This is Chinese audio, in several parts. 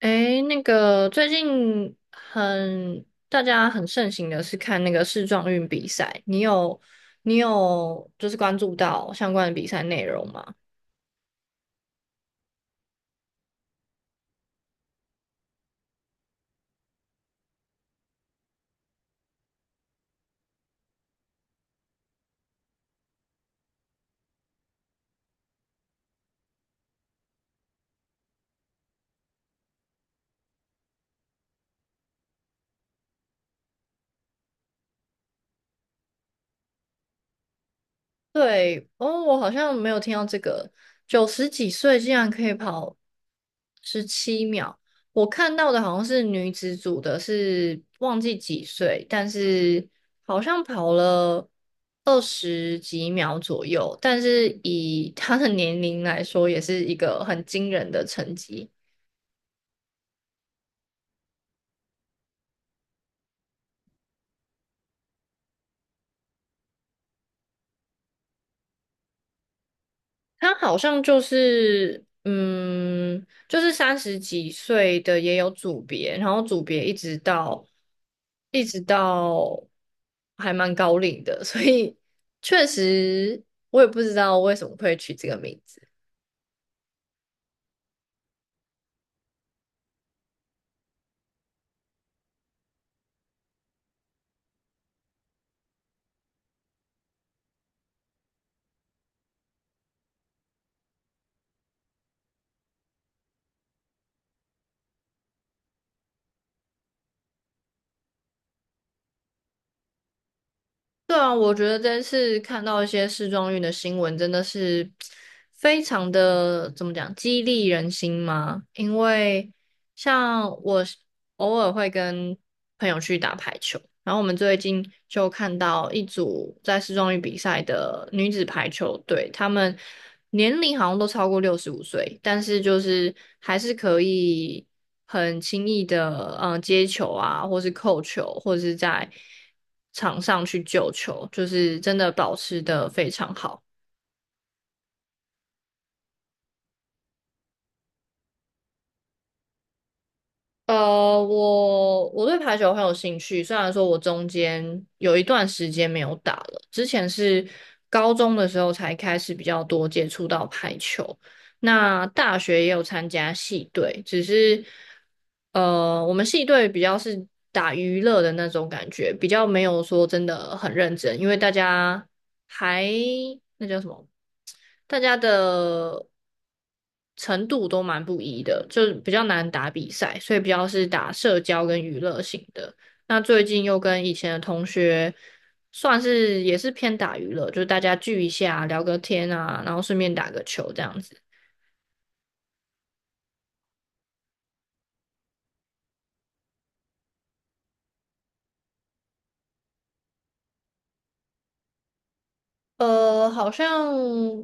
诶，那个最近很大家很盛行的是看那个世壮运比赛，你有就是关注到相关的比赛内容吗？对，哦，我好像没有听到这个，90几岁竟然可以跑17秒。我看到的好像是女子组的是忘记几岁，但是好像跑了20几秒左右，但是以她的年龄来说，也是一个很惊人的成绩。他好像就是，就是30几岁的也有组别，然后组别一直到还蛮高龄的，所以确实我也不知道为什么会取这个名字。对啊，我觉得这次看到一些时装运的新闻，真的是非常的，怎么讲，激励人心嘛。因为像我偶尔会跟朋友去打排球，然后我们最近就看到一组在市中运比赛的女子排球队，她们年龄好像都超过65岁，但是就是还是可以很轻易的接球啊，或是扣球，或者是在场上去救球，就是真的保持的非常好。我对排球很有兴趣，虽然说我中间有一段时间没有打了，之前是高中的时候才开始比较多接触到排球。那大学也有参加系队，只是我们系队比较是打娱乐的那种感觉，比较没有说真的很认真，因为大家还那叫什么，大家的程度都蛮不一的，就比较难打比赛，所以比较是打社交跟娱乐型的。那最近又跟以前的同学，算是也是偏打娱乐，就是大家聚一下，聊个天啊，然后顺便打个球这样子。好像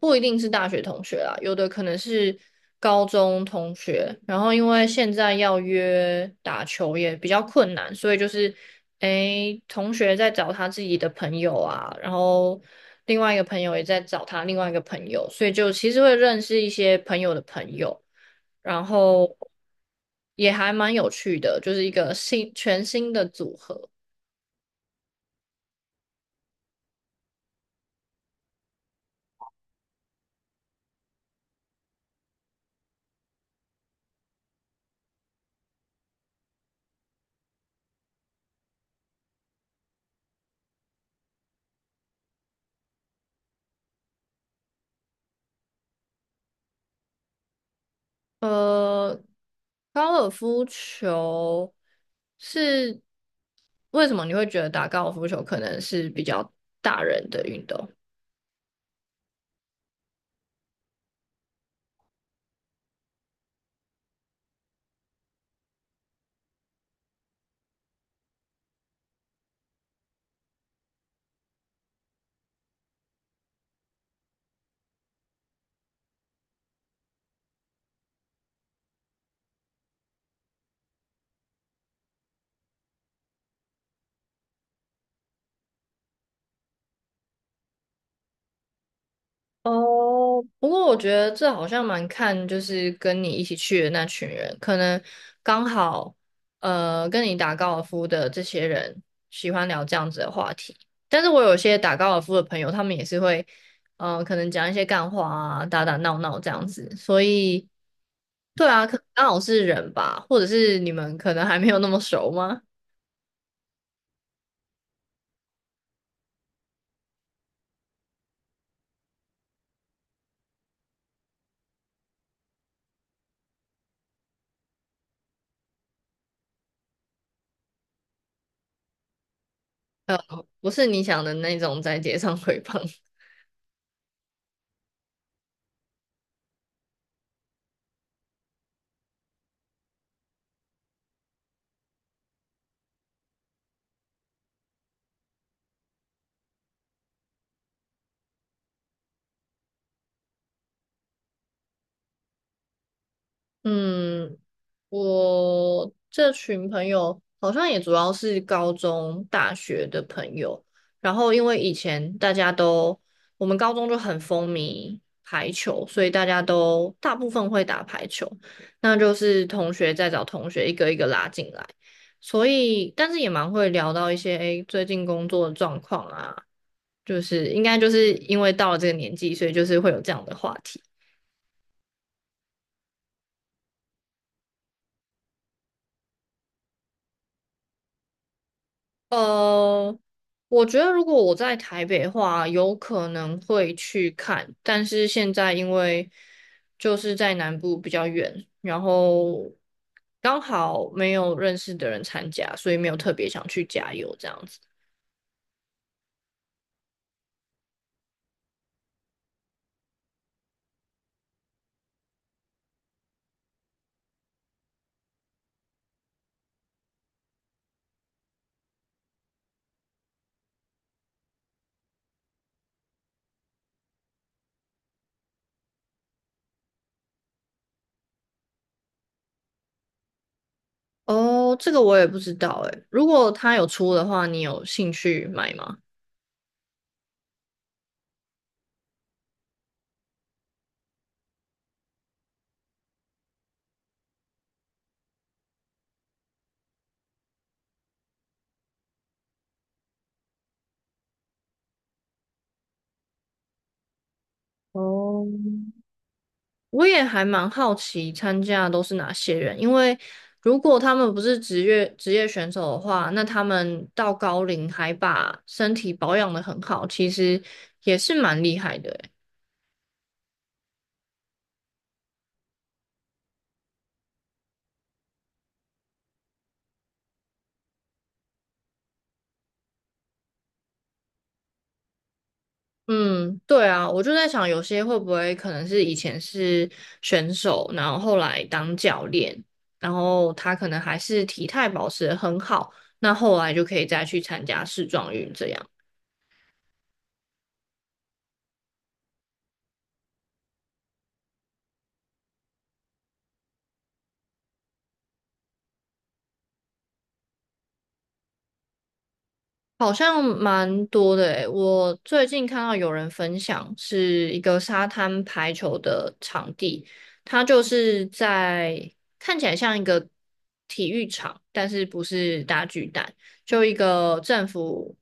不一定是大学同学啦，有的可能是高中同学。然后因为现在要约打球也比较困难，所以就是，诶，同学在找他自己的朋友啊，然后另外一个朋友也在找他另外一个朋友，所以就其实会认识一些朋友的朋友，然后也还蛮有趣的，就是一个全新的组合。呃，高尔夫球是为什么你会觉得打高尔夫球可能是比较大人的运动？哦，不过我觉得这好像蛮看，就是跟你一起去的那群人，可能刚好跟你打高尔夫的这些人喜欢聊这样子的话题。但是我有些打高尔夫的朋友，他们也是会可能讲一些干话啊，打打闹闹这样子。所以，对啊，可能刚好是人吧，或者是你们可能还没有那么熟吗？呃，不是你想的那种在街上 鬼放。嗯，我这群朋友好像也主要是高中、大学的朋友，然后因为以前大家都，我们高中就很风靡排球，所以大家都大部分会打排球，那就是同学在找同学一个一个拉进来，所以但是也蛮会聊到一些，诶，最近工作的状况啊，就是应该就是因为到了这个年纪，所以就是会有这样的话题。呃，我觉得如果我在台北的话，有可能会去看，但是现在因为就是在南部比较远，然后刚好没有认识的人参加，所以没有特别想去加油这样子。哦，这个我也不知道诶，如果他有出的话，你有兴趣买吗？哦，我也还蛮好奇参加的都是哪些人，因为如果他们不是职业选手的话，那他们到高龄还把身体保养的很好，其实也是蛮厉害的欸。嗯，对啊，我就在想，有些会不会可能是以前是选手，然后后来当教练，然后他可能还是体态保持得很好，那后来就可以再去参加世壮运这样。好像蛮多的诶，我最近看到有人分享是一个沙滩排球的场地，它就是在看起来像一个体育场，但是不是大巨蛋，就一个政府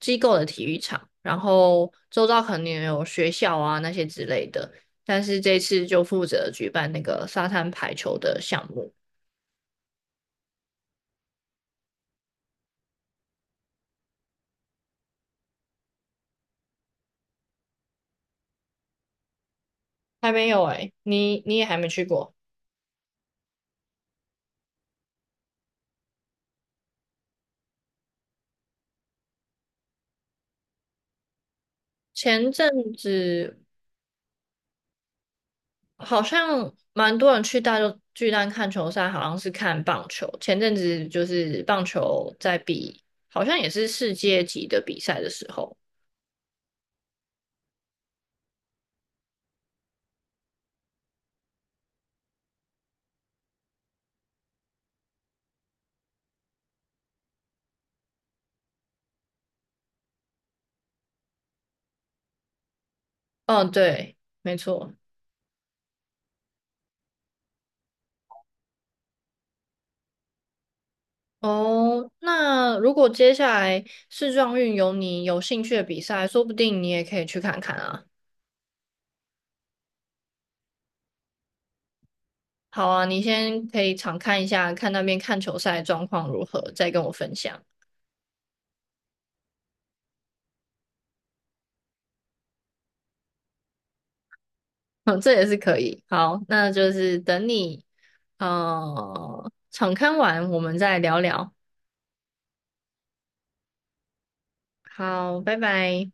机构的体育场，然后周遭可能也有学校啊那些之类的，但是这次就负责举办那个沙滩排球的项目，还没有诶，你也还没去过。前阵子好像蛮多人去大洲巨蛋看球赛，好像是看棒球。前阵子就是棒球在比，好像也是世界级的比赛的时候。嗯，对，没错。哦，那如果接下来世壮运有你有兴趣的比赛，说不定你也可以去看看啊。好啊，你先可以常看一下，看那边看球赛状况如何，再跟我分享。嗯，这也是可以。好，那就是等你。场刊完我们再聊聊。好，拜拜。